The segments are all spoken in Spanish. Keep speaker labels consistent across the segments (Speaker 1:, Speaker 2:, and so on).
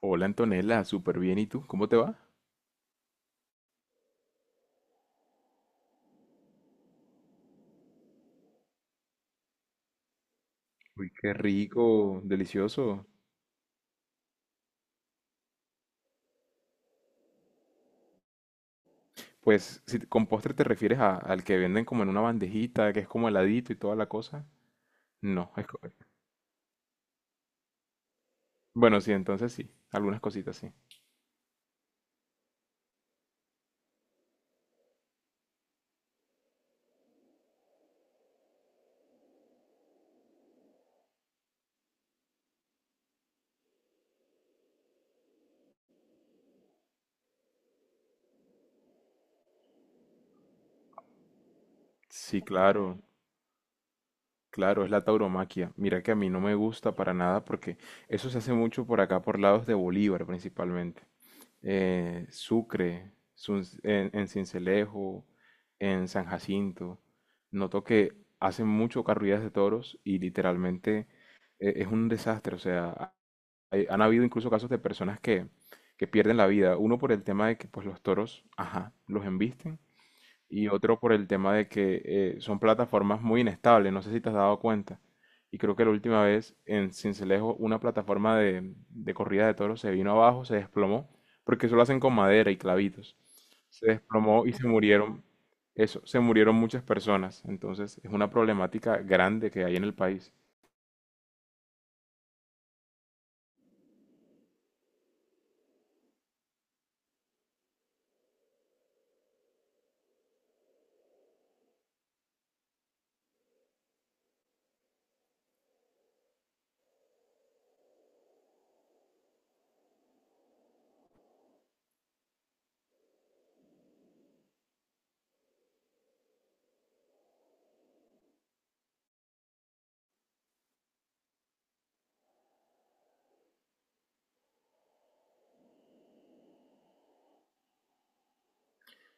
Speaker 1: Hola Antonella, súper bien. ¿Y tú? ¿Cómo te va? Uy, qué rico, delicioso. Pues si te- con postre te refieres a- al que venden como en una bandejita, que es como heladito y toda la cosa. No, es... co- Bueno, sí, entonces sí, algunas cositas sí. Sí, claro, claro, es la tauromaquia. Mira que a mí no me gusta para nada porque eso se hace mucho por acá, por lados de Bolívar principalmente. Sucre, Sun- en Cincelejo, en San Jacinto. Noto que hacen mucho corridas de toros y literalmente es un desastre. O sea, ha- hay- han habido incluso casos de personas que pierden la vida. Uno por el tema de que pues los toros, ajá, los embisten y otro por el tema de que son plataformas muy inestables, no sé si te has dado cuenta. Y creo que la última vez en Cincelejo una plataforma de corrida de toros se vino abajo, se desplomó, porque eso lo hacen con madera y clavitos. Se desplomó y se murieron, eso, se murieron muchas personas. Entonces es una problemática grande que hay en el país.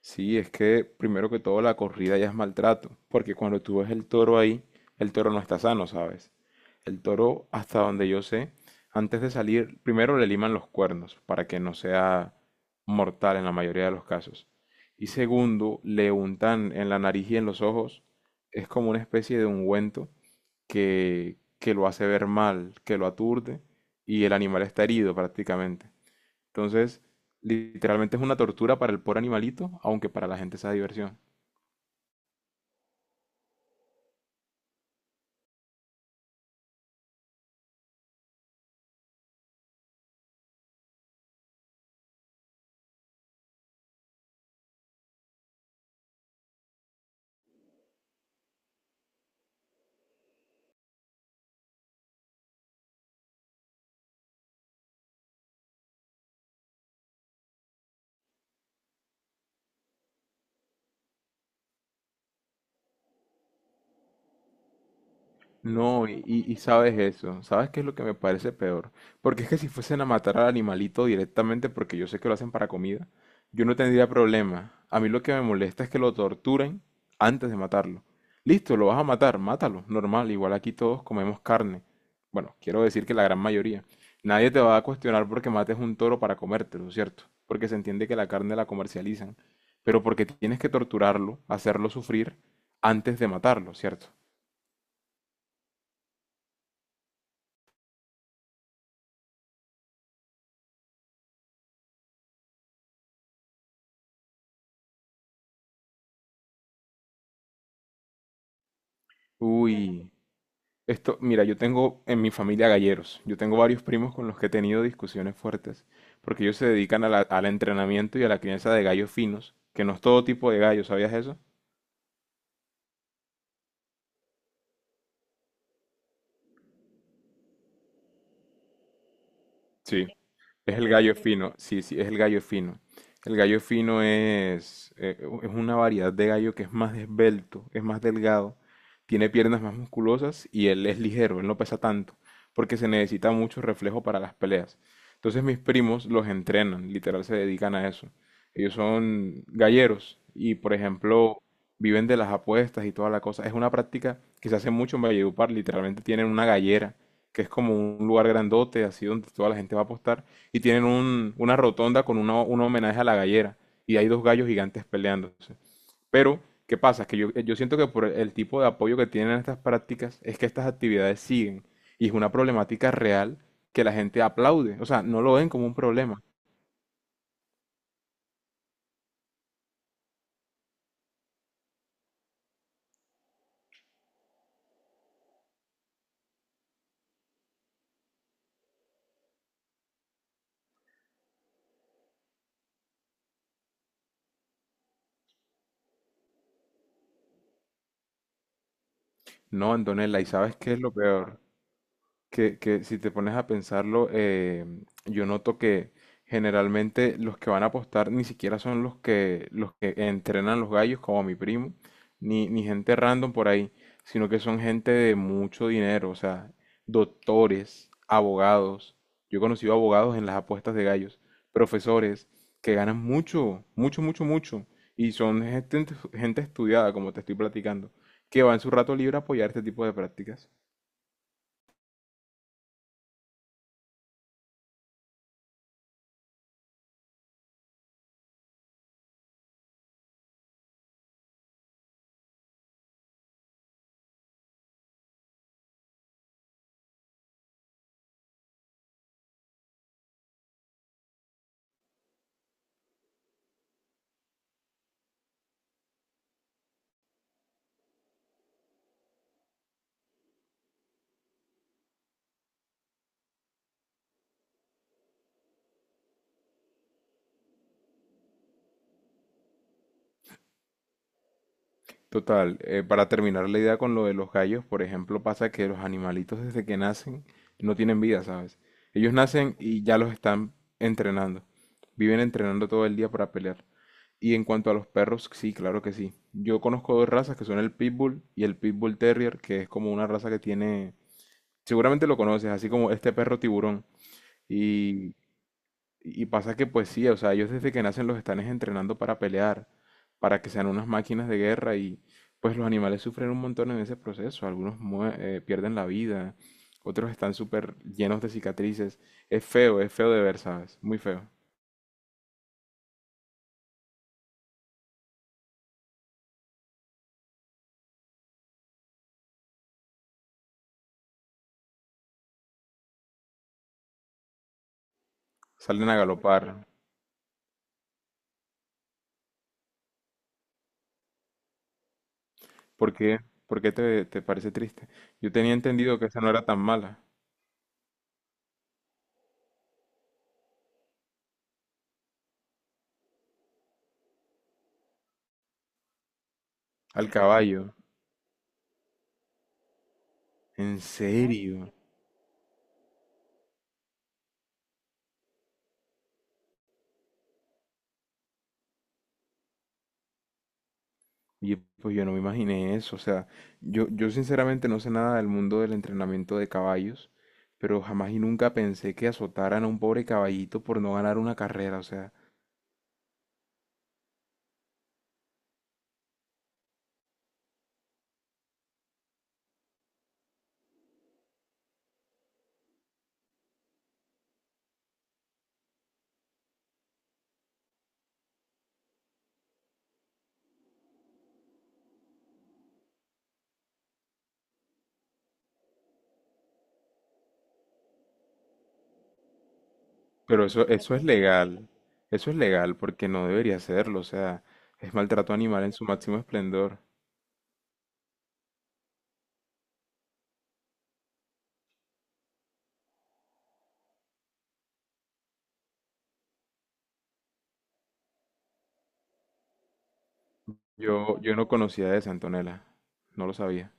Speaker 1: Sí, es que primero que todo la corrida ya es maltrato, porque cuando tú ves el toro ahí, el toro no está sano, ¿sabes? El toro, hasta donde yo sé, antes de salir, primero le liman los cuernos para que no sea mortal en la mayoría de los casos. Y segundo, le untan en la nariz y en los ojos, es como una especie de ungüento que lo hace ver mal, que lo aturde y el animal está herido prácticamente. Entonces, literalmente es una tortura para el pobre animalito, aunque para la gente sea diversión. No, y sabes eso, ¿sabes qué es lo que me parece peor? Porque es que si fuesen a matar al animalito directamente, porque yo sé que lo hacen para comida, yo no tendría problema. A mí lo que me molesta es que lo torturen antes de matarlo. Listo, lo vas a matar, mátalo, normal, igual aquí todos comemos carne. Bueno, quiero decir que la gran mayoría. Nadie te va a cuestionar porque mates un toro para comértelo, ¿cierto? Porque se entiende que la carne la comercializan, pero porque tienes que torturarlo, hacerlo sufrir antes de matarlo, ¿cierto? Uy. Esto, mira, yo tengo en mi familia galleros. Yo tengo varios primos con los que he tenido discusiones fuertes, porque ellos se dedican a la- al entrenamiento y a la crianza de gallos finos, que no es todo tipo de gallo, ¿sabías eso? Sí, es el gallo fino, sí, sí, es el gallo fino. El gallo fino es, u- es una variedad de gallo que es más esbelto, es más delgado, tiene piernas más musculosas y él es ligero, él no pesa tanto, porque se necesita mucho reflejo para las peleas. Entonces mis primos los entrenan, literal se dedican a eso. Ellos son galleros y, por ejemplo, viven de las apuestas y toda la cosa. Es una práctica que se hace mucho en Valledupar, literalmente tienen una gallera que es como un lugar grandote, así donde toda la gente va a apostar, y tienen un- una rotonda con una- un homenaje a la gallera, y hay dos gallos gigantes peleándose. Pero, ¿qué pasa? Que yo siento que por el tipo de apoyo que tienen estas prácticas es que estas actividades siguen, y es una problemática real que la gente aplaude, o sea, no lo ven como un problema. No, Antonella, ¿y sabes qué es lo peor? Que si te pones a pensarlo, yo noto que generalmente los que van a apostar ni siquiera son los los que entrenan los gallos, como mi primo, ni gente random por ahí, sino que son gente de mucho dinero, o sea, doctores, abogados. Yo he conocido abogados en las apuestas de gallos, profesores que ganan mucho, mucho, mucho, mucho, y son gente, gente estudiada, como te estoy platicando, que va en su rato libre a apoyar este tipo de prácticas. Total, para terminar la idea con lo de los gallos, por ejemplo, pasa que los animalitos desde que nacen no tienen vida, ¿sabes? Ellos nacen y ya los están entrenando. Viven entrenando todo el día para pelear. Y en cuanto a los perros, sí, claro que sí. Yo conozco dos razas que son el Pitbull y el Pitbull Terrier, que es como una raza que tiene... Seguramente lo conoces, así como este perro tiburón. Y y pasa que pues sí, o sea, ellos desde que nacen los están es entrenando para pelear, para que sean unas máquinas de guerra y pues los animales sufren un montón en ese proceso. Algunos mue- pierden la vida, otros están súper llenos de cicatrices. Es feo de ver, ¿sabes? Muy feo. Salen a galopar. ¿Por qué? ¿Por qué te parece triste? Yo tenía entendido que esa no era tan mala. Al caballo. ¿En serio? Y pues yo no me imaginé eso, o sea, yo sinceramente no sé nada del mundo del entrenamiento de caballos, pero jamás y nunca pensé que azotaran a un pobre caballito por no ganar una carrera, o sea, pero eso, eso es legal porque no debería serlo, o sea, es maltrato animal en su máximo esplendor. Yo no conocía de Antonella, no lo sabía.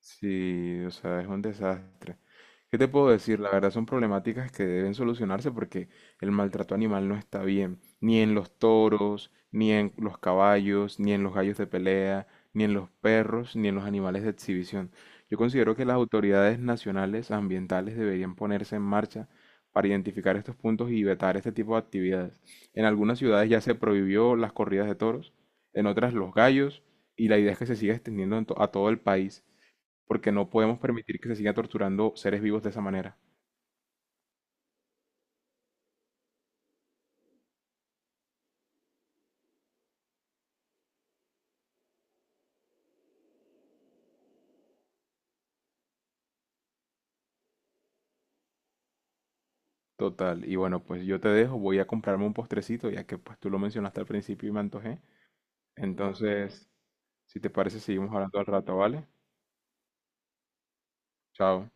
Speaker 1: Sí, o sea, es un desastre. ¿Qué te puedo decir? La verdad son problemáticas que deben solucionarse porque el maltrato animal no está bien, ni en los toros, ni en los caballos, ni en los gallos de pelea, ni en los perros, ni en los animales de exhibición. Yo considero que las autoridades nacionales ambientales deberían ponerse en marcha para identificar estos puntos y vetar este tipo de actividades. En algunas ciudades ya se prohibió las corridas de toros, en otras los gallos, y la idea es que se siga extendiendo en to- a todo el país porque no podemos permitir que se siga torturando seres vivos de esa manera. Total, y bueno, pues yo te dejo, voy a comprarme un postrecito, ya que pues tú lo mencionaste al principio y me antojé. Entonces, si te parece, seguimos hablando al rato, ¿vale? Chao.